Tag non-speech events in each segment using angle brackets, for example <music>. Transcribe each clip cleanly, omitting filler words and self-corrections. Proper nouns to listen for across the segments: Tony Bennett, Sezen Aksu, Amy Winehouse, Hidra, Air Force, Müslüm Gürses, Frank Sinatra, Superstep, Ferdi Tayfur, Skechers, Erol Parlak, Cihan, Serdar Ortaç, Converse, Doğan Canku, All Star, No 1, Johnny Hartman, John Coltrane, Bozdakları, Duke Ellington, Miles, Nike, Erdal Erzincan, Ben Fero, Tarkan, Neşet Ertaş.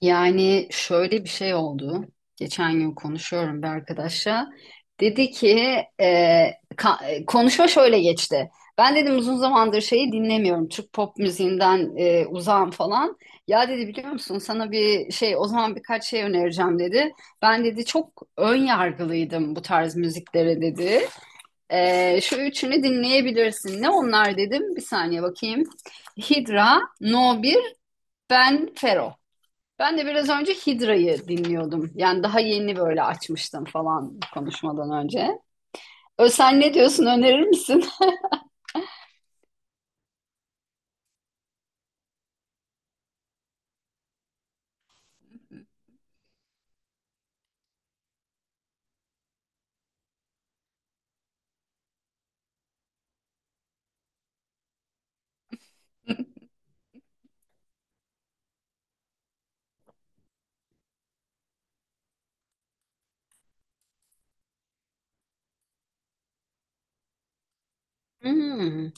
Yani şöyle bir şey oldu. Geçen gün konuşuyorum bir arkadaşla. Dedi ki e, konuşma şöyle geçti. Ben dedim uzun zamandır şeyi dinlemiyorum. Türk pop müziğinden uzağım falan. Ya dedi biliyor musun sana bir şey o zaman birkaç şey önereceğim dedi. Ben dedi çok ön yargılıydım bu tarz müziklere dedi. E, şu üçünü dinleyebilirsin. Ne onlar dedim. Bir saniye bakayım. Hidra, No 1, Ben Fero. Ben de biraz önce Hidra'yı dinliyordum. Yani daha yeni böyle açmıştım falan konuşmadan önce. Sen ne diyorsun, önerir misin? <laughs> Hmm.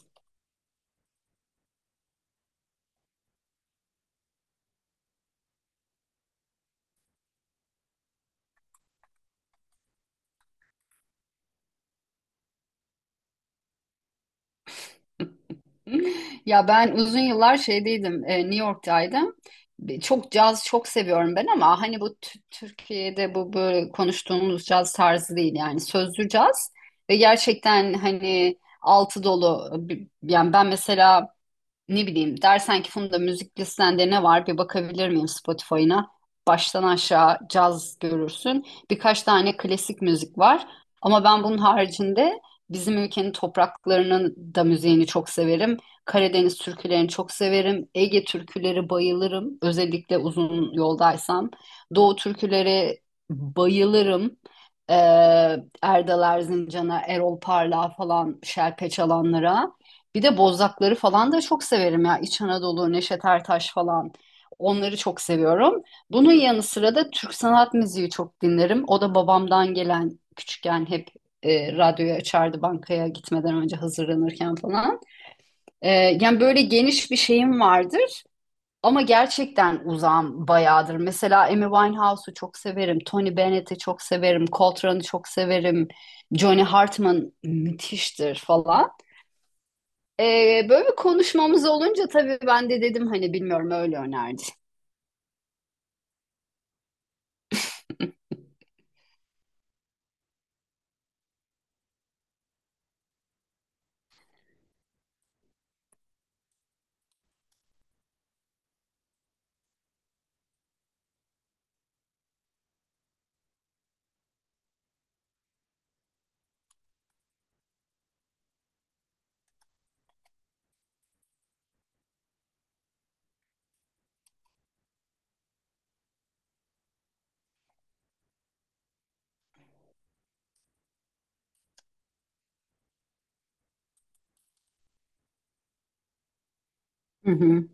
Ya ben uzun yıllar şeydeydim, New York'taydım. Çok caz çok seviyorum ben ama hani bu Türkiye'de bu böyle konuştuğumuz caz tarzı değil yani sözlü caz ve gerçekten hani altı dolu. Yani ben mesela ne bileyim dersen ki Funda müzik listende ne var bir bakabilir miyim Spotify'ına? Baştan aşağı caz görürsün. Birkaç tane klasik müzik var. Ama ben bunun haricinde bizim ülkenin topraklarının da müziğini çok severim. Karadeniz türkülerini çok severim. Ege türküleri bayılırım. Özellikle uzun yoldaysam. Doğu türküleri bayılırım. Ee, Erdal Erzincan'a, Erol Parlak'a falan şerpe çalanlara. Bir de Bozdakları falan da çok severim ya. İç Anadolu, Neşet Ertaş falan. Onları çok seviyorum. Bunun yanı sıra da Türk sanat müziği çok dinlerim. O da babamdan gelen küçükken hep radyoyu açardı bankaya gitmeden önce hazırlanırken falan. E, yani böyle geniş bir şeyim vardır ama gerçekten uzağım bayağıdır. Mesela Amy Winehouse'u çok severim, Tony Bennett'i çok severim, Coltrane'ı çok severim, Johnny Hartman müthiştir falan. Böyle bir konuşmamız olunca tabii ben de dedim hani bilmiyorum öyle önerdi. Hı hı,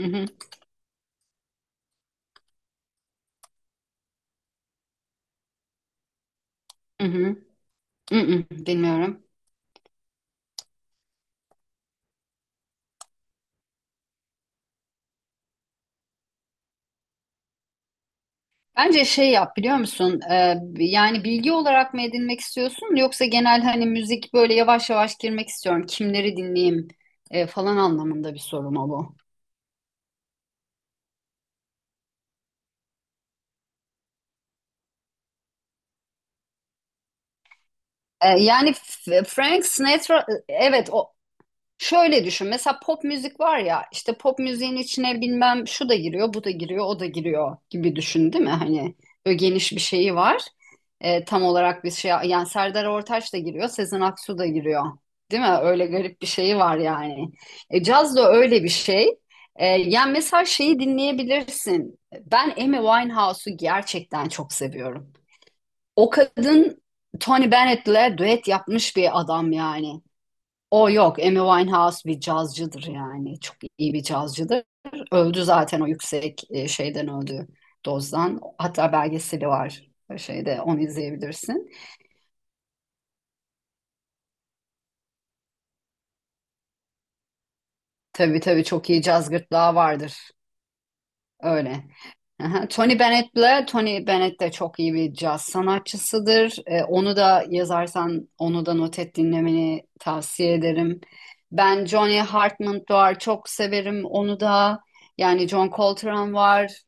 hı hı, hı hı, hı hı, bilmiyorum. Bence şey yap biliyor musun? Yani bilgi olarak mı edinmek istiyorsun yoksa genel hani müzik böyle yavaş yavaş girmek istiyorum. Kimleri dinleyeyim falan anlamında bir soru mu bu? Yani Frank Sinatra evet o. Şöyle düşün. Mesela pop müzik var ya işte pop müziğin içine bilmem şu da giriyor, bu da giriyor, o da giriyor gibi düşün değil mi? Hani böyle geniş bir şeyi var. Tam olarak bir şey yani Serdar Ortaç da giriyor, Sezen Aksu da giriyor. Değil mi? Öyle garip bir şeyi var yani. E, caz da öyle bir şey. E, yani mesela şeyi dinleyebilirsin. Ben Amy Winehouse'u gerçekten çok seviyorum. O kadın Tony Bennett'le düet yapmış bir adam yani. O yok. Amy Winehouse bir cazcıdır yani. Çok iyi bir cazcıdır. Öldü zaten o yüksek şeyden öldü dozdan. Hatta belgeseli var şeyde onu izleyebilirsin. Tabii tabii çok iyi caz gırtlağı vardır. Öyle. Aha. Tony Bennett de çok iyi bir caz sanatçısıdır. E, onu da yazarsan onu da not et dinlemeni tavsiye ederim. Ben Johnny Hartman var çok severim onu da. Yani John Coltrane var.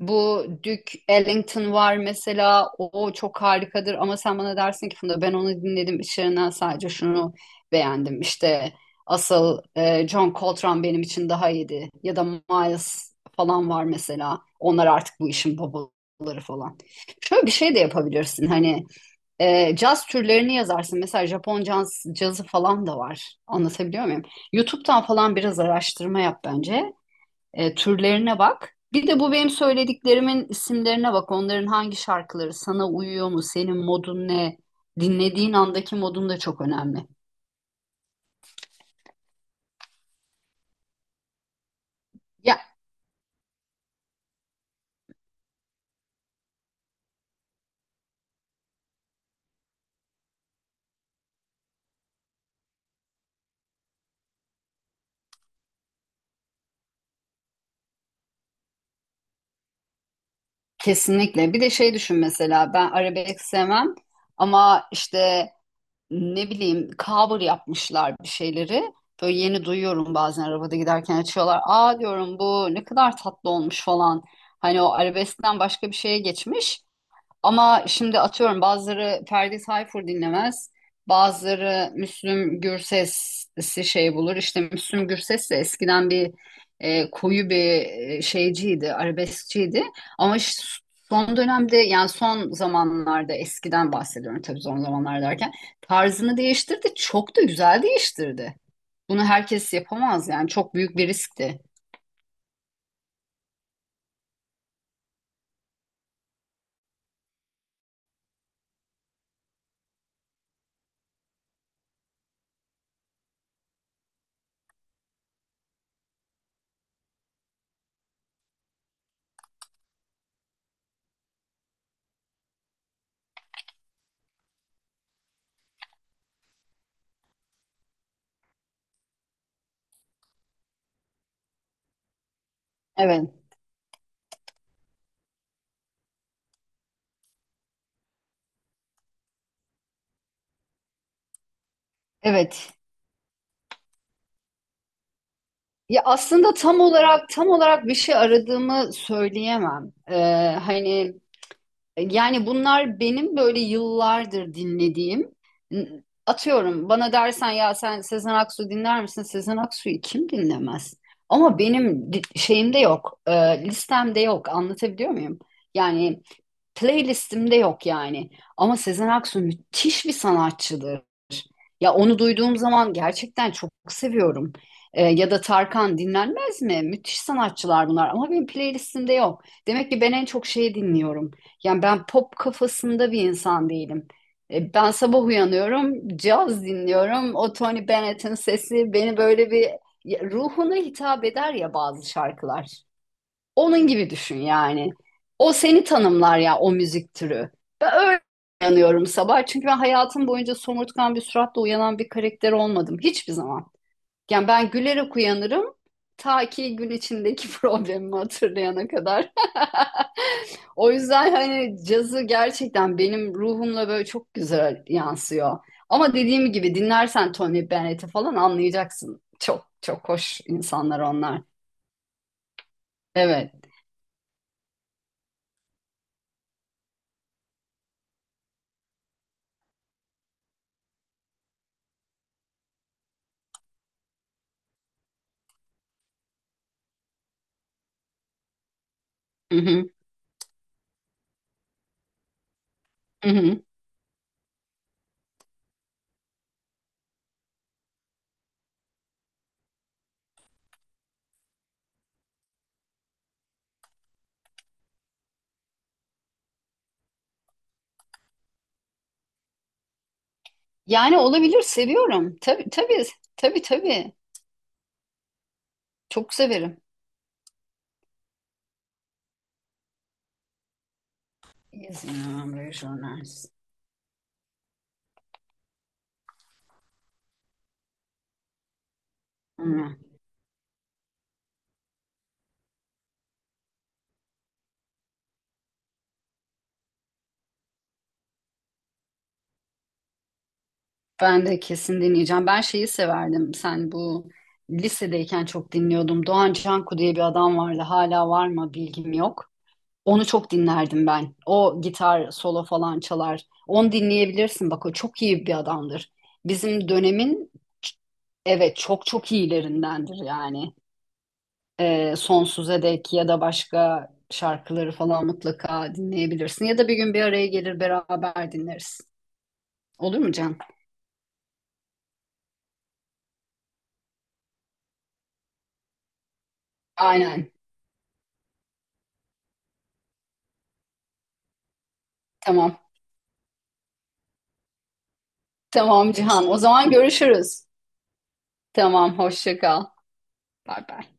Bu Duke Ellington var mesela. O çok harikadır ama sen bana dersin ki Funda ben onu dinledim içlerinden sadece şunu beğendim. İşte asıl John Coltrane benim için daha iyiydi. Ya da Miles falan var mesela. Onlar artık bu işin babaları falan. Şöyle bir şey de yapabilirsin. Hani caz türlerini yazarsın. Mesela Japon caz, cazı falan da var. Anlatabiliyor muyum? YouTube'dan falan biraz araştırma yap bence. E, türlerine bak. Bir de bu benim söylediklerimin isimlerine bak. Onların hangi şarkıları sana uyuyor mu? Senin modun ne? Dinlediğin andaki modun da çok önemli. Ya kesinlikle. Bir de şey düşün mesela ben arabesk sevmem ama işte ne bileyim cover yapmışlar bir şeyleri. Böyle yeni duyuyorum bazen arabada giderken açıyorlar. Aa diyorum bu ne kadar tatlı olmuş falan. Hani o arabeskten başka bir şeye geçmiş. Ama şimdi atıyorum bazıları Ferdi Tayfur dinlemez. Bazıları Müslüm Gürses'i şey bulur. İşte Müslüm Gürses de eskiden bir koyu bir şeyciydi, arabeskçiydi. Ama son dönemde yani son zamanlarda eskiden bahsediyorum tabii son zamanlar derken tarzını değiştirdi. Çok da güzel değiştirdi. Bunu herkes yapamaz yani çok büyük bir riskti. Evet. Evet. Ya aslında tam olarak bir şey aradığımı söyleyemem. Hani yani bunlar benim böyle yıllardır dinlediğim atıyorum bana dersen ya sen Sezen Aksu dinler misin? Sezen Aksu'yu kim dinlemez? Ama benim şeyimde yok. E, listemde yok. Anlatabiliyor muyum? Yani playlistimde yok yani. Ama Sezen Aksu müthiş bir sanatçıdır. Ya onu duyduğum zaman gerçekten çok seviyorum. Ya da Tarkan dinlenmez mi? Müthiş sanatçılar bunlar ama benim playlistimde yok. Demek ki ben en çok şeyi dinliyorum. Yani ben pop kafasında bir insan değilim. Ben sabah uyanıyorum, caz dinliyorum. O Tony Bennett'in sesi beni böyle bir ya, ruhuna hitap eder ya bazı şarkılar. Onun gibi düşün yani. O seni tanımlar ya o müzik türü. Ben öyle uyanıyorum sabah. Çünkü ben hayatım boyunca somurtkan bir suratla uyanan bir karakter olmadım. Hiçbir zaman. Yani ben gülerek uyanırım. Ta ki gün içindeki <laughs> problemimi hatırlayana kadar. <laughs> O yüzden hani cazı gerçekten benim ruhumla böyle çok güzel yansıyor. Ama dediğim gibi dinlersen Tony Bennett'i falan anlayacaksın. Çok çok hoş insanlar onlar. Evet. Hı hı. Hı hı. Yani olabilir seviyorum. Tabii tabii tabii tabii. Çok severim. Yazıyorum rejyonels. Ama ben de kesin dinleyeceğim. Ben şeyi severdim. Sen bu lisedeyken çok dinliyordum. Doğan Canku diye bir adam vardı. Hala var mı bilgim yok. Onu çok dinlerdim ben. O gitar solo falan çalar. Onu dinleyebilirsin. Bak o çok iyi bir adamdır. Bizim dönemin evet çok çok iyilerindendir yani. E, sonsuza dek ya da başka şarkıları falan mutlaka dinleyebilirsin. Ya da bir gün bir araya gelir beraber dinleriz. Olur mu Can? Aynen. Tamam. Tamam Cihan. O zaman görüşürüz. Tamam. Hoşça kal. Bay bay.